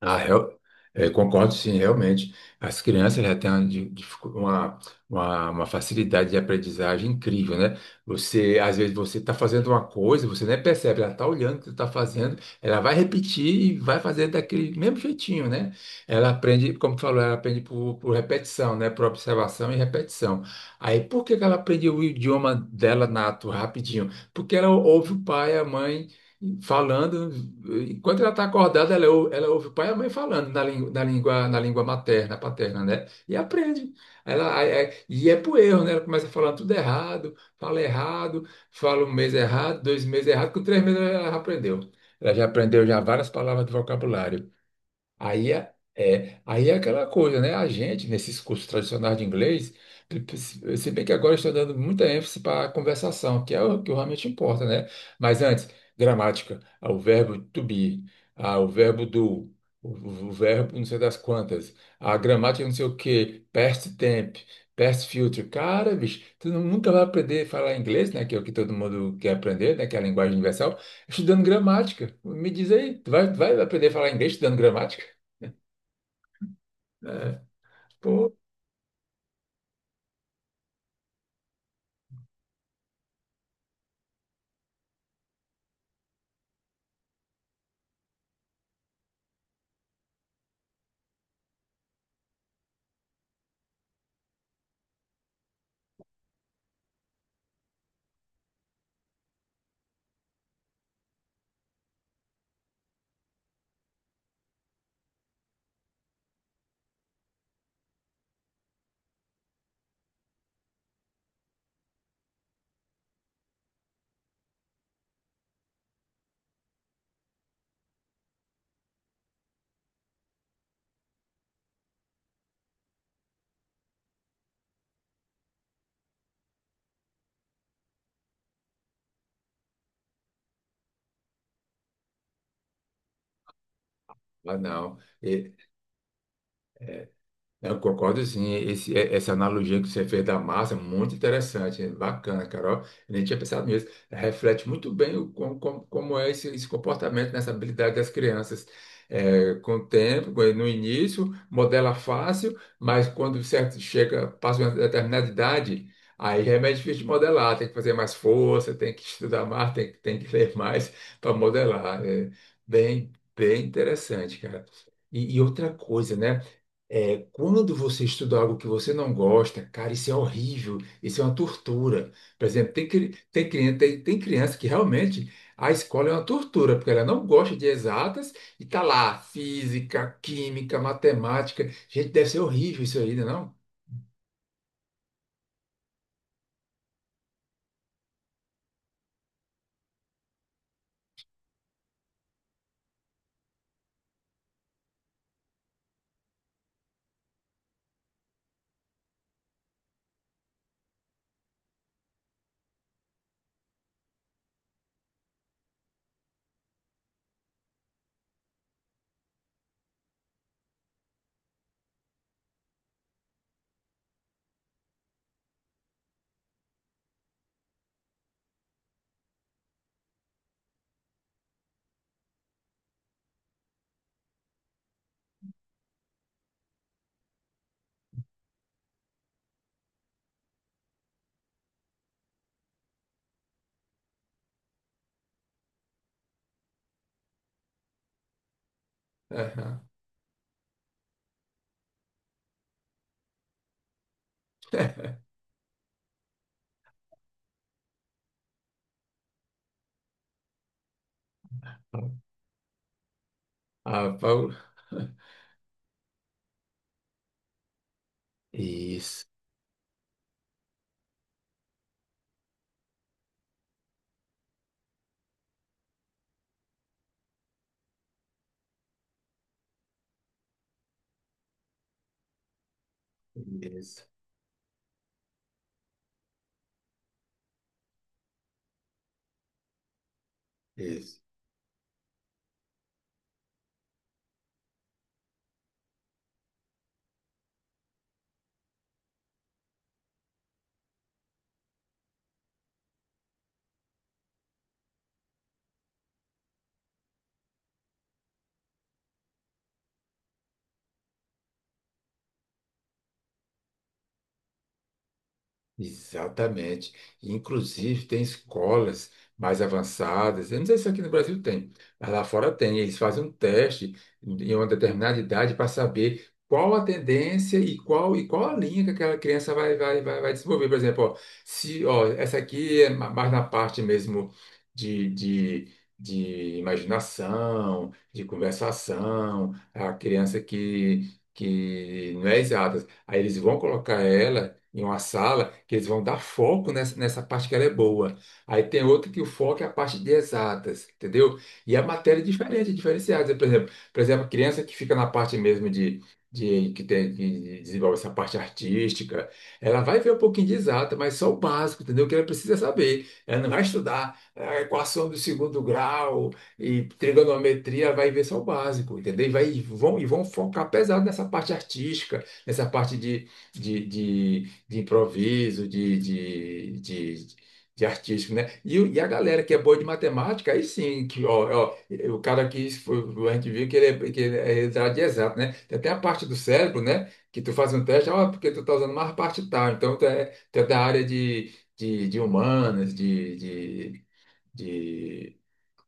Ah, concordo sim, realmente. As crianças já têm uma, di- dificu- uma facilidade de aprendizagem incrível, né? Você, às vezes, você está fazendo uma coisa, você nem percebe, ela está olhando o que você está fazendo, ela vai repetir e vai fazer daquele mesmo jeitinho, né? Ela aprende, como tu falou, ela aprende por repetição, né? Por observação e repetição. Aí, por que que ela aprende o idioma dela nato rapidinho? Porque ela ouve o pai, a mãe falando, enquanto ela está acordada, ela ouve o pai e a mãe falando na língua materna, paterna, né? E aprende. E é por erro, né? Ela começa falando tudo errado, fala um mês errado, 2 meses errado, com 3 meses ela já aprendeu. Ela já aprendeu já várias palavras do vocabulário. Aí é aquela coisa, né? A gente, nesses cursos tradicionais de inglês, se bem que agora eu estou dando muita ênfase para a conversação, que é o que realmente importa, né? Mas antes, gramática, o verbo to be, o verbo do, o verbo não sei das quantas, a gramática não sei o quê, past tense, past future. Cara, bicho, tu nunca vai aprender a falar inglês, né? Que é o que todo mundo quer aprender, né? Que é a linguagem universal, estudando gramática. Me diz aí, tu vai aprender a falar inglês estudando gramática? Né? Pô, mas não. E, eu concordo, sim. Essa analogia que você fez da massa é muito interessante, é bacana, Carol. Eu nem tinha pensado nisso. Reflete muito bem o, como é esse comportamento, nessa habilidade das crianças. É, com o tempo, no início, modela fácil, mas quando certo chega, passa uma determinada idade, aí é mais difícil de modelar. Tem que fazer mais força, tem que estudar mais, tem que ler mais para modelar. É bem, bem interessante, cara. E outra coisa, né? É, quando você estuda algo que você não gosta, cara, isso é horrível, isso é uma tortura. Por exemplo, tem criança que realmente a escola é uma tortura, porque ela não gosta de exatas e tá lá, física, química, matemática. Gente, deve ser horrível isso aí, né, não? Aham. Ah, Paulo. Isso, isso, isso. Exatamente. Inclusive, tem escolas mais avançadas. Eu não sei se aqui no Brasil tem, mas lá fora tem. Eles fazem um teste em uma determinada idade para saber qual a tendência e qual a linha que aquela criança vai desenvolver. Por exemplo, ó, se, ó, essa aqui é mais na parte mesmo de, de, de imaginação, de conversação, a criança que não é exata. Aí eles vão colocar ela em uma sala, que eles vão dar foco nessa parte que ela é boa. Aí tem outra que o foco é a parte de exatas, entendeu? E a matéria é diferente, é diferenciada. Por exemplo, a criança que fica na parte mesmo que desenvolve essa parte artística, ela vai ver um pouquinho de exata, mas só o básico, entendeu? O que ela precisa saber. Ela não vai estudar a equação do segundo grau e trigonometria, ela vai ver só o básico, entendeu? E, e vão focar pesado nessa parte artística, nessa parte de, de de improviso, de artístico, né? E, e a galera que é boa de matemática, aí sim, que, ó, ó, o cara que foi, a gente viu que ele é da área de exato, né? Tem até a parte do cérebro, né? Que tu faz um teste, ó, porque tu tá usando mais parte tal. Então, tu é da área de humanas, de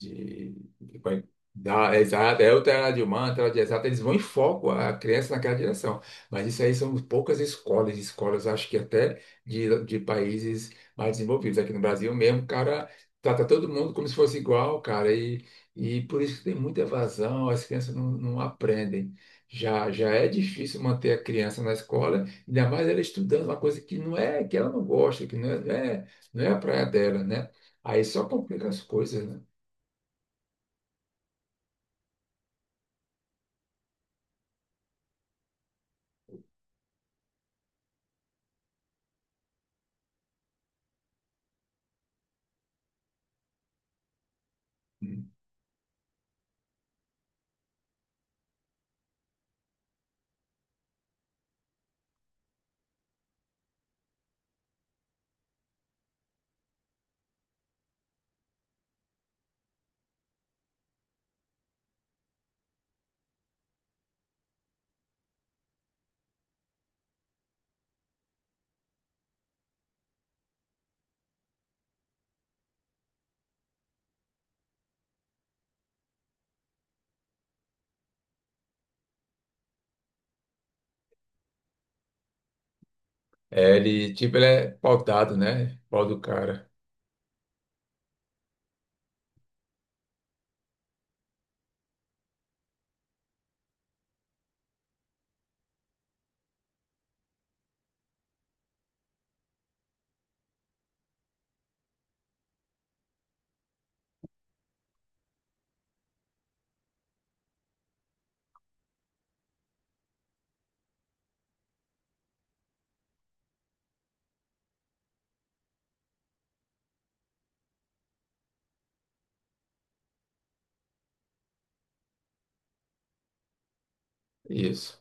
de, vai dar, é exato, é o outra de humana, outra de exato eles vão em foco a criança naquela direção. Mas isso aí são poucas escolas, escolas acho que até de países mais desenvolvidos. Aqui no Brasil mesmo, o cara trata todo mundo como se fosse igual, cara, e por isso que tem muita evasão, as crianças não aprendem. Já é difícil manter a criança na escola, ainda mais ela estudando uma coisa que não é, que ela não gosta, que não é, não é, não é a praia dela, né? Aí só complica as coisas, né? Hum. É, ele, tipo, ele é pautado, né? Pau do cara. Isso,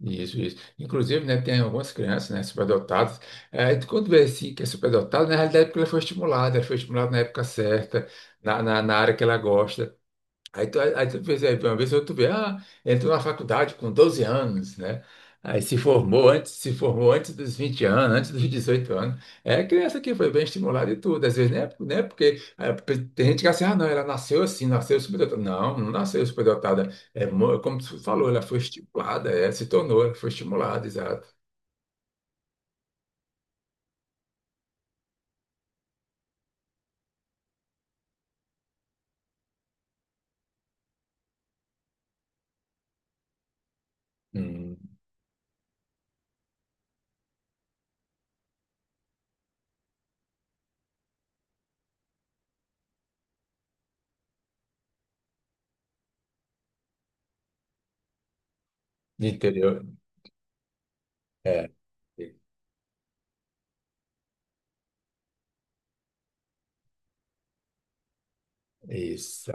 isso, isso. Inclusive, né, tem algumas crianças, né, superdotadas. É, tu quando vê assim que é superdotado, na realidade é porque ela foi estimulada na época certa, na área que ela gosta. Aí tu percebe, uma vez ou tu vê, ah, entrou na faculdade com 12 anos, né? Aí se formou antes, se formou antes dos 20 anos, antes dos 18 anos. É criança que foi bem estimulada e tudo. Às vezes, né? Né porque é, porque tem gente que acha assim, ah, não, ela nasceu assim, nasceu superdotada. Não, não nasceu superdotada. Como tu falou, ela foi estimulada, é, se tornou, ela foi estimulada, exato. Hum, entendeu? É, isso.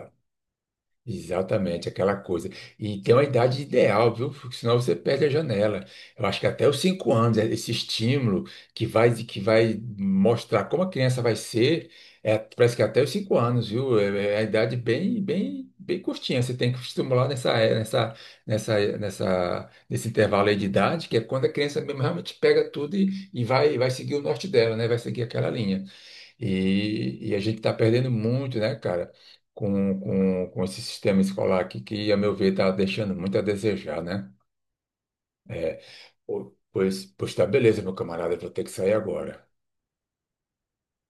Exatamente, aquela coisa. E tem uma idade ideal, viu? Porque senão você perde a janela. Eu acho que até os 5 anos, é esse estímulo que vai mostrar como a criança vai ser, é, parece que até os 5 anos, viu? É, é a idade bem, bem, bem curtinha. Você tem que estimular nessa, é- nessa, nessa, nessa, nesse intervalo aí de idade, que é quando a criança mesmo realmente pega tudo e vai seguir o norte dela, né? Vai seguir aquela linha. E, a gente está perdendo muito, né, cara, com esse sistema escolar aqui, que, a meu ver, está deixando muito a desejar, né? É, pois tá, beleza, meu camarada, eu vou ter que sair agora.